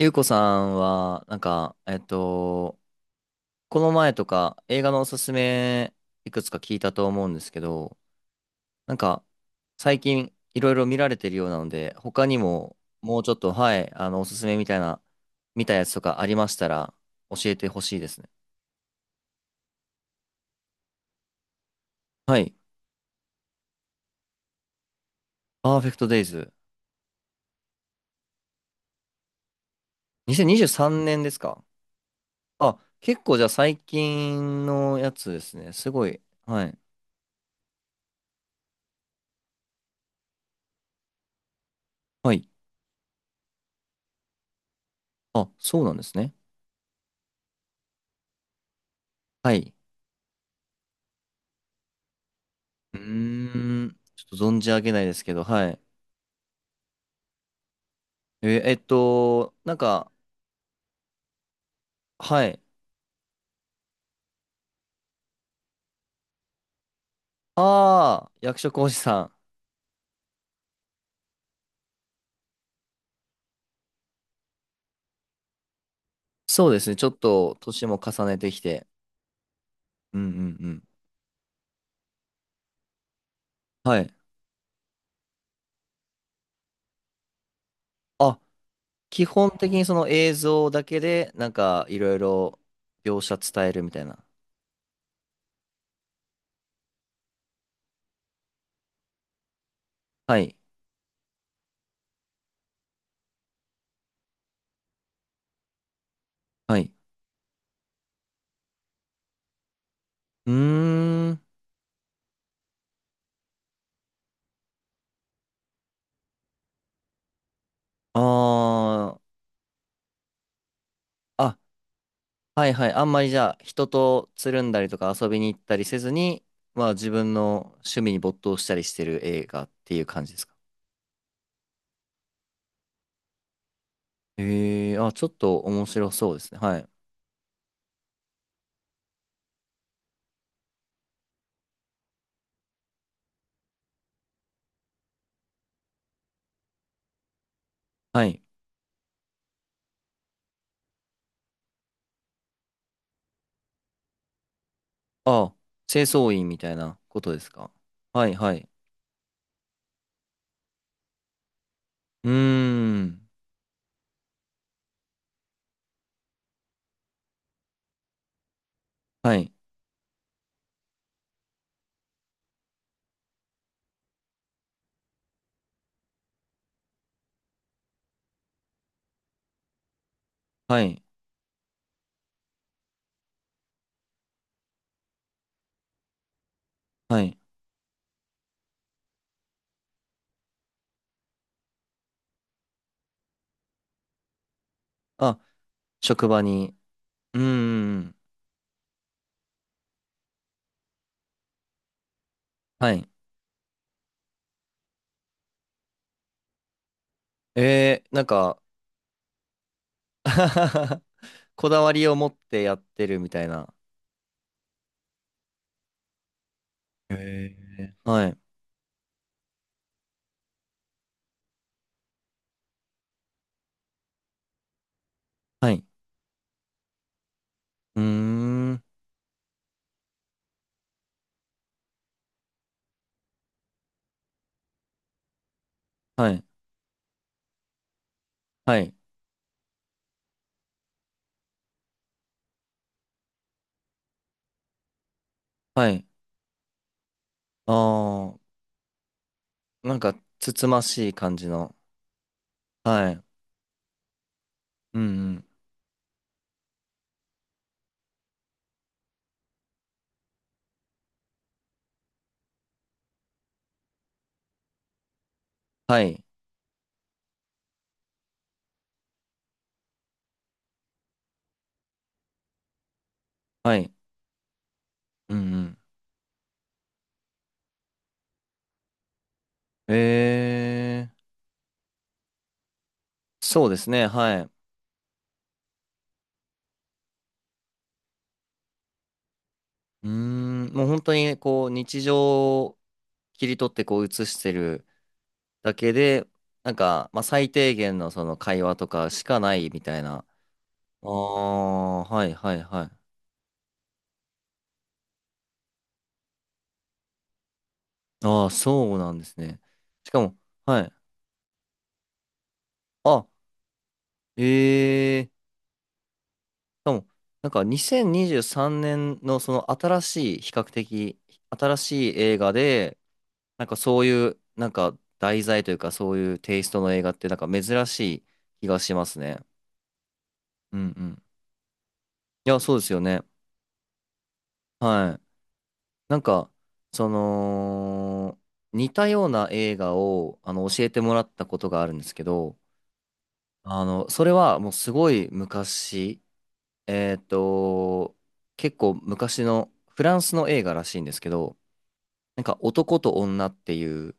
ゆうこさんは、この前とか映画のおすすめいくつか聞いたと思うんですけど、なんか、最近いろいろ見られてるようなので、他にももうちょっと、はい、おすすめみたいな、見たやつとかありましたら教えてほしいですね。はい。パーフェクトデイズ。2023年ですか？あ、結構じゃあ最近のやつですね。すごい。はい。はい。あ、そうなんですね。はい。うーん。ちょっと存じ上げないですけど、はい。え、えっと、なんか、はい。ああ、役所広司さん。そうですね。ちょっと、年も重ねてきて。うんうんうん。はい。あ、基本的にその映像だけで、いろいろ描写伝えるみたいな。はい。はい。うーん。ああ。あ、はいはい。あんまりじゃあ、人とつるんだりとか遊びに行ったりせずに、まあ自分の趣味に没頭したりしてる映画っていう感じですか？ええー、あ、ちょっと面白そうですね。はい。はい。あ、清掃員みたいなことですか？はいはい。うーん。はい。はい。はい。あ、職場に。うーん。はい。えー、なんか こだわりを持ってやってるみたいな。へーはい。はい。うーん。はい。はい。はい。あつつましい感じの。はい。うんうん。はい。はい。うんうん。ええ、そうですね。はい。うーん、もう本当に、こう、日常を切り取って、こう、映してるだけで、まあ、最低限のその会話とかしかないみたいな。ああ、はいはいはい。ああ、そうなんですね。しかも、はい。あ、ええかも、なんか2023年のその新しい、比較的新しい映画で、なんかそういう、なんか題材というかそういうテイストの映画ってなんか珍しい気がしますね。うんうん。いや、そうですよね。はい。なんか、その、似たような映画をあの教えてもらったことがあるんですけど、あの、それはもうすごい昔、えっと、結構昔のフランスの映画らしいんですけど、なんか男と女っていう、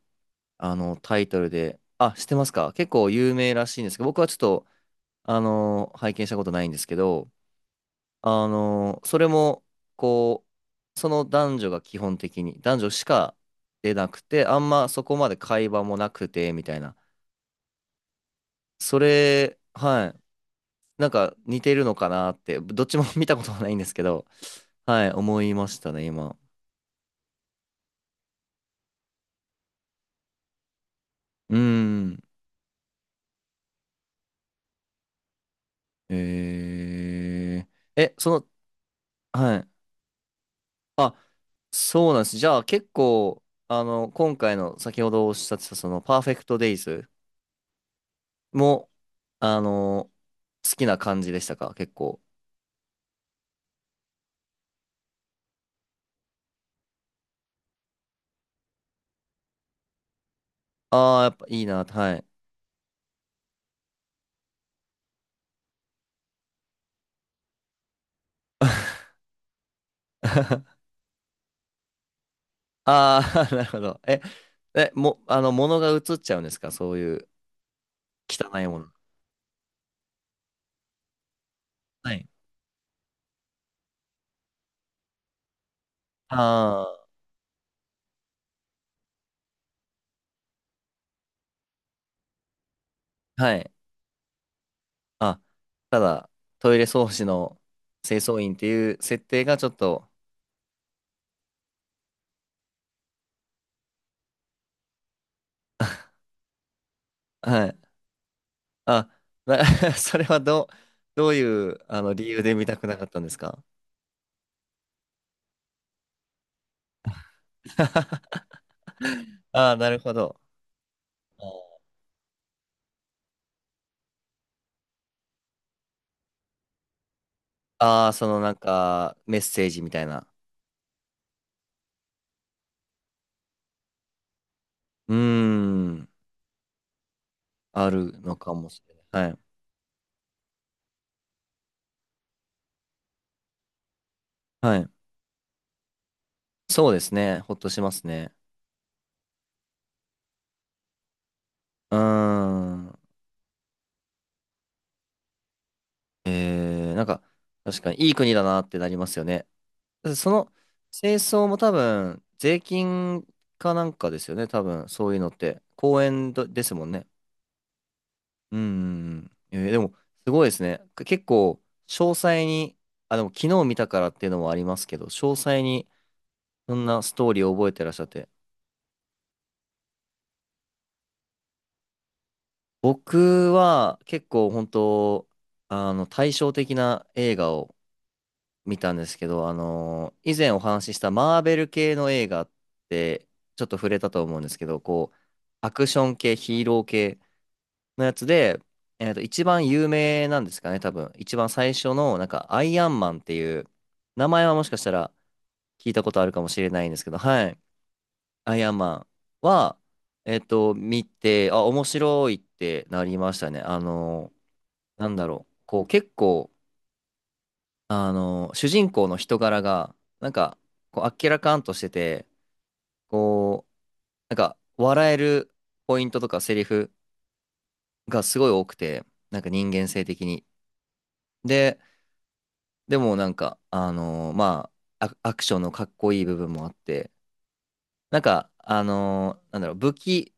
あの、タイトルで、あ、知ってますか？結構有名らしいんですけど、僕はちょっと、あの、拝見したことないんですけど、あの、それも、こう、その男女が基本的に、男女しか出なくて、あんまそこまで会話もなくて、みたいな。それ、はい。なんか似てるのかなって、どっちも 見たことはないんですけど、はい、思いましたね、今。うーん。えー、え、その、はい。あ、そうなんです。じゃあ結構、あの、今回の先ほどおっしゃってたそのパーフェクトデイズも、あの、好きな感じでしたか結構？ああ、やっぱいいな、はい。ああ、なるほど。あの、物が映っちゃうんですかそういう汚いもの？はい。ああ、はい。あ、ただ、トイレ掃除の清掃員っていう設定がちょっと、はい。あ、な それはどう、どういう、あの、理由で見たくなかったんですか？ ああ、なるほど。ああ、そのなんか、メッセージみたいな。うーん、あるのかもしれない。はい。はい。そうですね。ほっとしますね。うーん。えー、なんか、確かにいい国だなってなりますよね。その、清掃も多分、税金かなんかですよね。多分、そういうのって。公園どですもんね。うんうんうん。えーでも、すごいですね。結構、詳細に、あ、でも昨日見たからっていうのもありますけど、詳細に、そんなストーリーを覚えてらっしゃって。僕は、結構、あの、対照的な映画を見たんですけど、以前お話ししたマーベル系の映画って、ちょっと触れたと思うんですけど、こう、アクション系、ヒーロー系、のやつで、えっと、一番有名なんですかね、多分。一番最初の、なんか、アイアンマンっていう、名前はもしかしたら聞いたことあるかもしれないんですけど、はい。アイアンマンは、えっと、見て、あ、面白いってなりましたね。あの、なんだろう。こう、結構、あの、主人公の人柄が、なんか、こう、あっけらかんとしてて、こう、なんか、笑えるポイントとかセリフがすごい多くて、なんか人間性的に。ででもなんか、まあ、アクションのかっこいい部分もあって、なんか、なんだろう、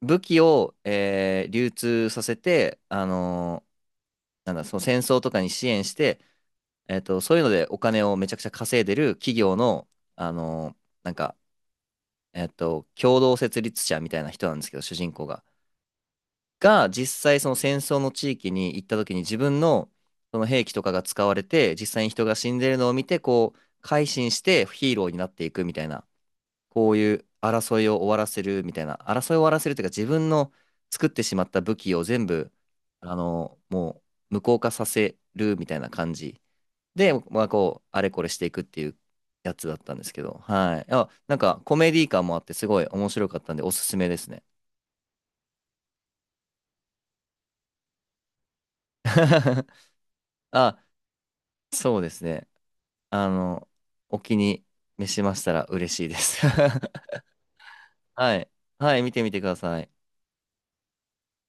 武器を、えー流通させて、なんだ、その戦争とかに支援して、えっと、そういうのでお金をめちゃくちゃ稼いでる企業の、あのーなんか、えっと、共同設立者みたいな人なんですけど、主人公が。が実際その戦争の地域に行った時に自分のその兵器とかが使われて実際に人が死んでるのを見てこう改心してヒーローになっていくみたいなこういう争いを終わらせるみたいな争いを終わらせるというか自分の作ってしまった武器を全部もう無効化させるみたいな感じで、まあ、こうあれこれしていくっていうやつだったんですけどはいあなんかコメディ感もあってすごい面白かったんでおすすめですね あそうですねあの、お気に召しましたら嬉しいです。はい。はい、見てみてください。